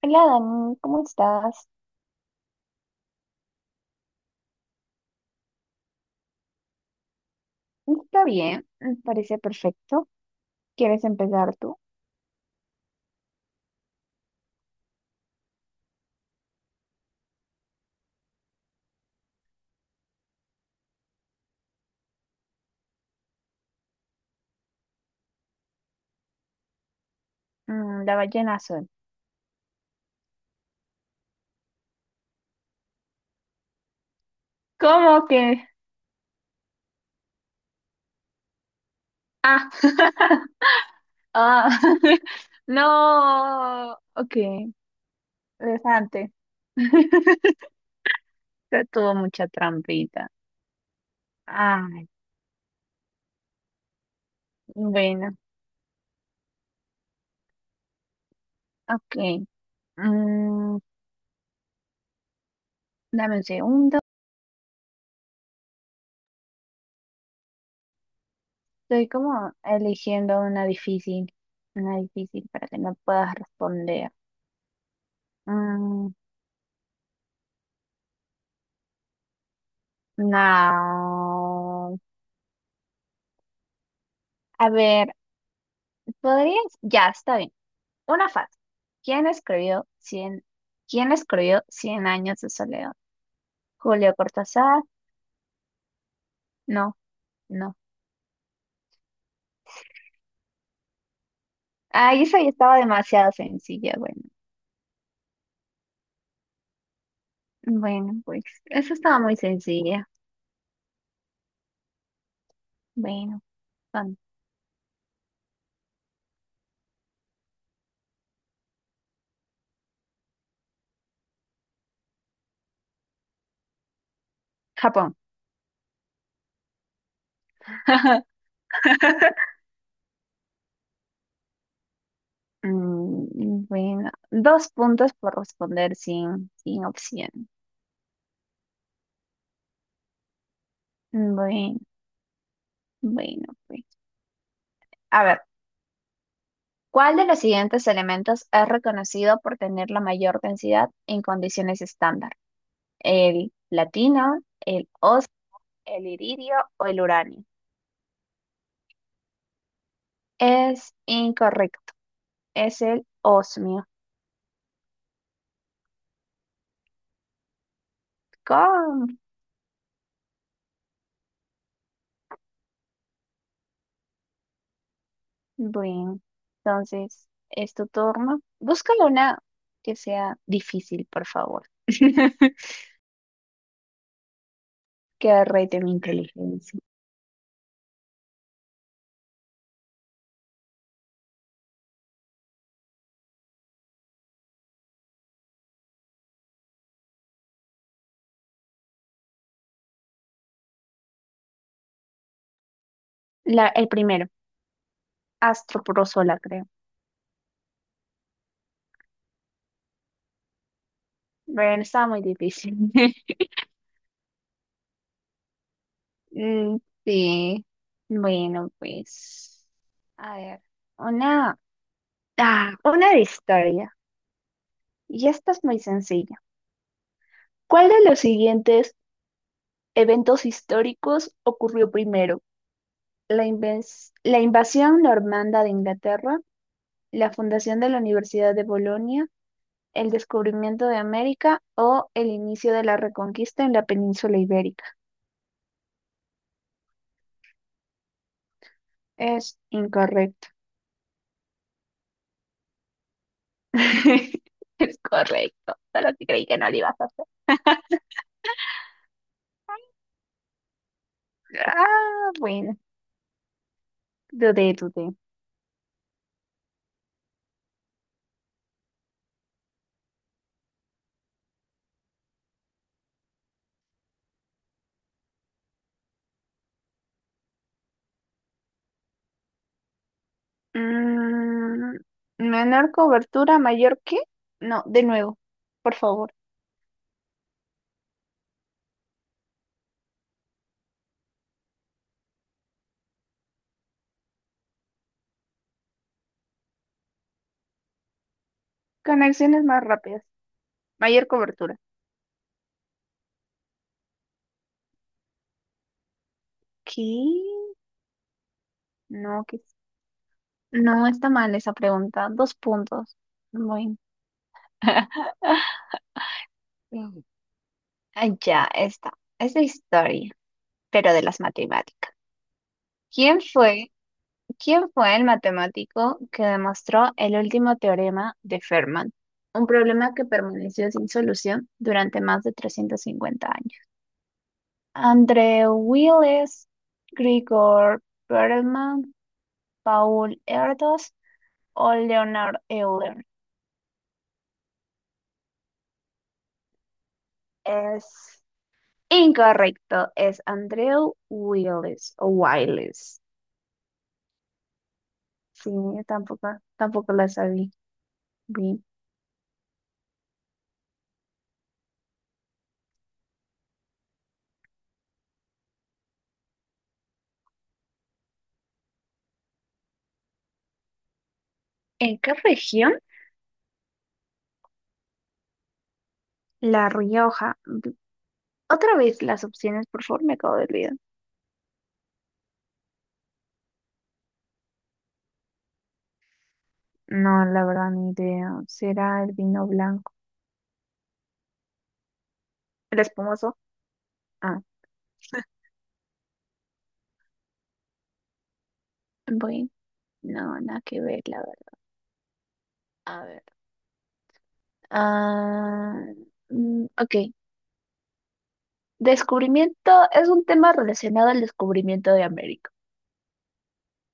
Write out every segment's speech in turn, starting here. Hola Dani, ¿cómo estás? Está bien, me parece perfecto. ¿Quieres empezar tú? La ballena azul. ¿Cómo que? Ah, ah, no, ok, elefante. Ya tuvo mucha trampita. Ay, bueno, ok. Mm, dame un segundo. Estoy como eligiendo una difícil para que no puedas responder. Mm, no. A ver, ¿podrías? Ya, está bien. Una fácil. ¿Quién escribió Cien... ¿Quién escribió Cien años de soledad? ¿Julio Cortázar? No, no. Ah, esa ya estaba demasiado sencilla. Bueno, bueno, pues eso estaba muy sencilla. Bueno, con Japón. Mm, bueno, dos puntos por responder sin opción. Bueno, bueno, pues. A ver. ¿Cuál de los siguientes elementos es reconocido por tener la mayor densidad en condiciones estándar? ¿El platino, el os, el iridio o el uranio? Es incorrecto, es el osmio. Con- Bueno, entonces es tu turno. Búscalo una que sea difícil, por favor. Que rete mi inteligencia. La- el primero, astroprosola, creo. Bueno, estaba muy difícil. Mm, sí, bueno, pues, a ver, una, ah, una de historia. Y esta es muy sencilla. ¿Cuál de los siguientes eventos históricos ocurrió primero? La, inves- la invasión normanda de Inglaterra, la fundación de la Universidad de Bolonia, el descubrimiento de América o el inicio de la reconquista en la península ibérica. Es incorrecto. Es correcto, solo que creí que no lo ibas a... Ah, bueno, dudé. Mm, menor cobertura, mayor que. No, de nuevo, por favor. Conexiones más rápidas. Mayor cobertura. ¿Qué? No, que no está mal esa pregunta. Dos puntos. Bueno. Mm. Ah, ya está. Es de historia, pero de las matemáticas. ¿Quién fue ¿Quién fue el matemático que demostró el último teorema de Fermat? Un problema que permaneció sin solución durante más de 350 años. André Wiles, Grigor Perelman, Paul Erdos o Leonard Euler. Es incorrecto, es Andrew Wiles o Wiles. Sí, yo tampoco la sabía bien. ¿En qué región? La Rioja. Otra vez las opciones, por favor, me acabo de olvidar. No, la verdad, ni idea. ¿Será el vino blanco? El espumoso. Ah, voy. No, nada que ver, la verdad. A ver. Ah, ok. Descubrimiento es un tema relacionado al descubrimiento de América.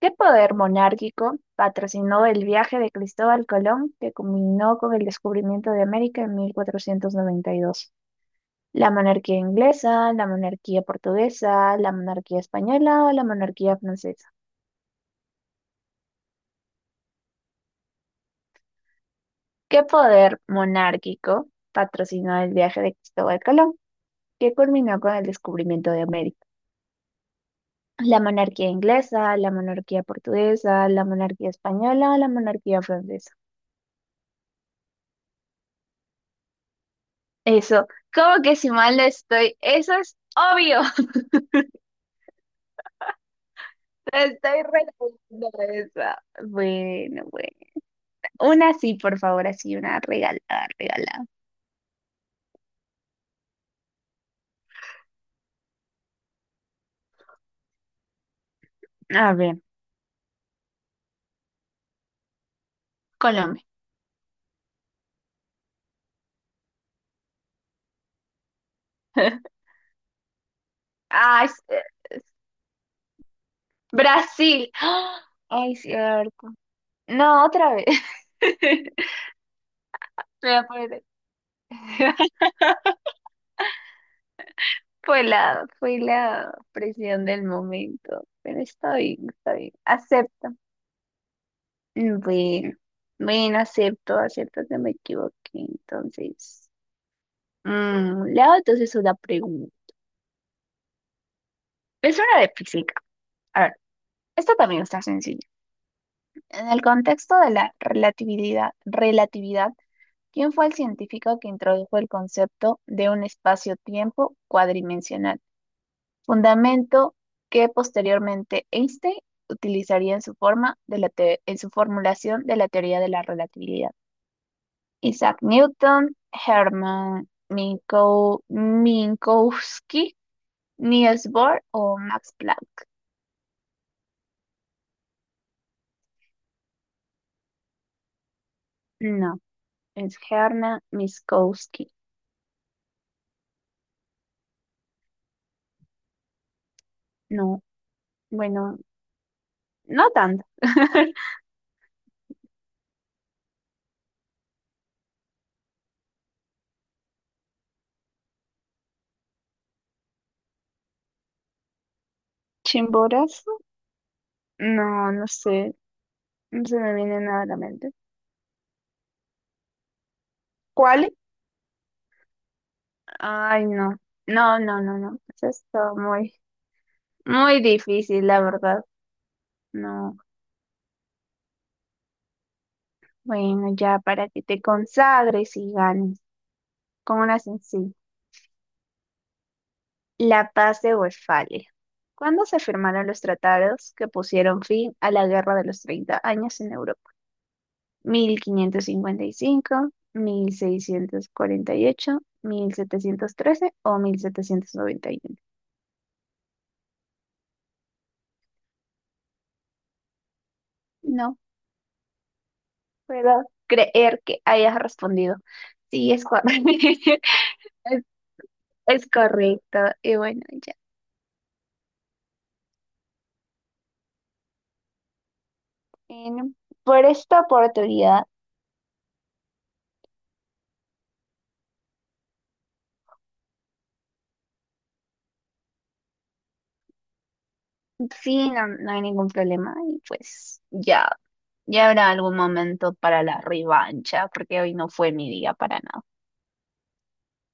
¿Qué poder monárquico patrocinó el viaje de Cristóbal Colón que culminó con el descubrimiento de América en 1492? La monarquía inglesa, la monarquía portuguesa, la monarquía española o la monarquía francesa. ¿Qué poder monárquico patrocinó el viaje de Cristóbal Colón, que culminó con el descubrimiento de América? La monarquía inglesa, la monarquía portuguesa, la monarquía española o la monarquía francesa. Eso, ¿cómo que si mal no estoy? Eso es obvio. Te estoy regalando esa. Bueno, bueno. Una sí, por favor, así, una regalada, regalada. A ver, Colombia. Ay, s- Brasil. ¡Ah! Ay, cierto. No, otra vez. Me voy a poner- Fue la presión del momento. Pero está bien, está bien. Acepto. Bueno, bueno, acepto, acepto que me equivoqué. Entonces, le hago entonces una pregunta. Es una de física. A ver, esta también está sencilla. En el contexto de la relatividad, ¿quién fue el científico que introdujo el concepto de un espacio-tiempo cuadridimensional? Fundamento que posteriormente Einstein utilizaría en su forma de la te- en su formulación de la teoría de la relatividad. Isaac Newton, Hermann Minko- Minkowski, Niels Bohr o Max Planck. No, es Hermann Minkowski. No, bueno, no tanto. Chimborazo. No, no sé. No se me viene nada a la mente. ¿Cuál? Ay, no. No, no, no, no. Eso está muy, muy difícil, la verdad. No. Bueno, ya para que te consagres y ganes. Con una sencilla. La paz de Westfalia. ¿Cuándo se firmaron los tratados que pusieron fin a la Guerra de los Treinta Años en Europa? 1555, 1648, 1713 o 1791. Puedo creer que hayas respondido. Sí, es, cor-, es, es correcto. Y bueno, ya. En por esta oportunidad, sí, no, no hay ningún problema. Y pues ya, ya habrá algún momento para la revancha, porque hoy no fue mi día para nada.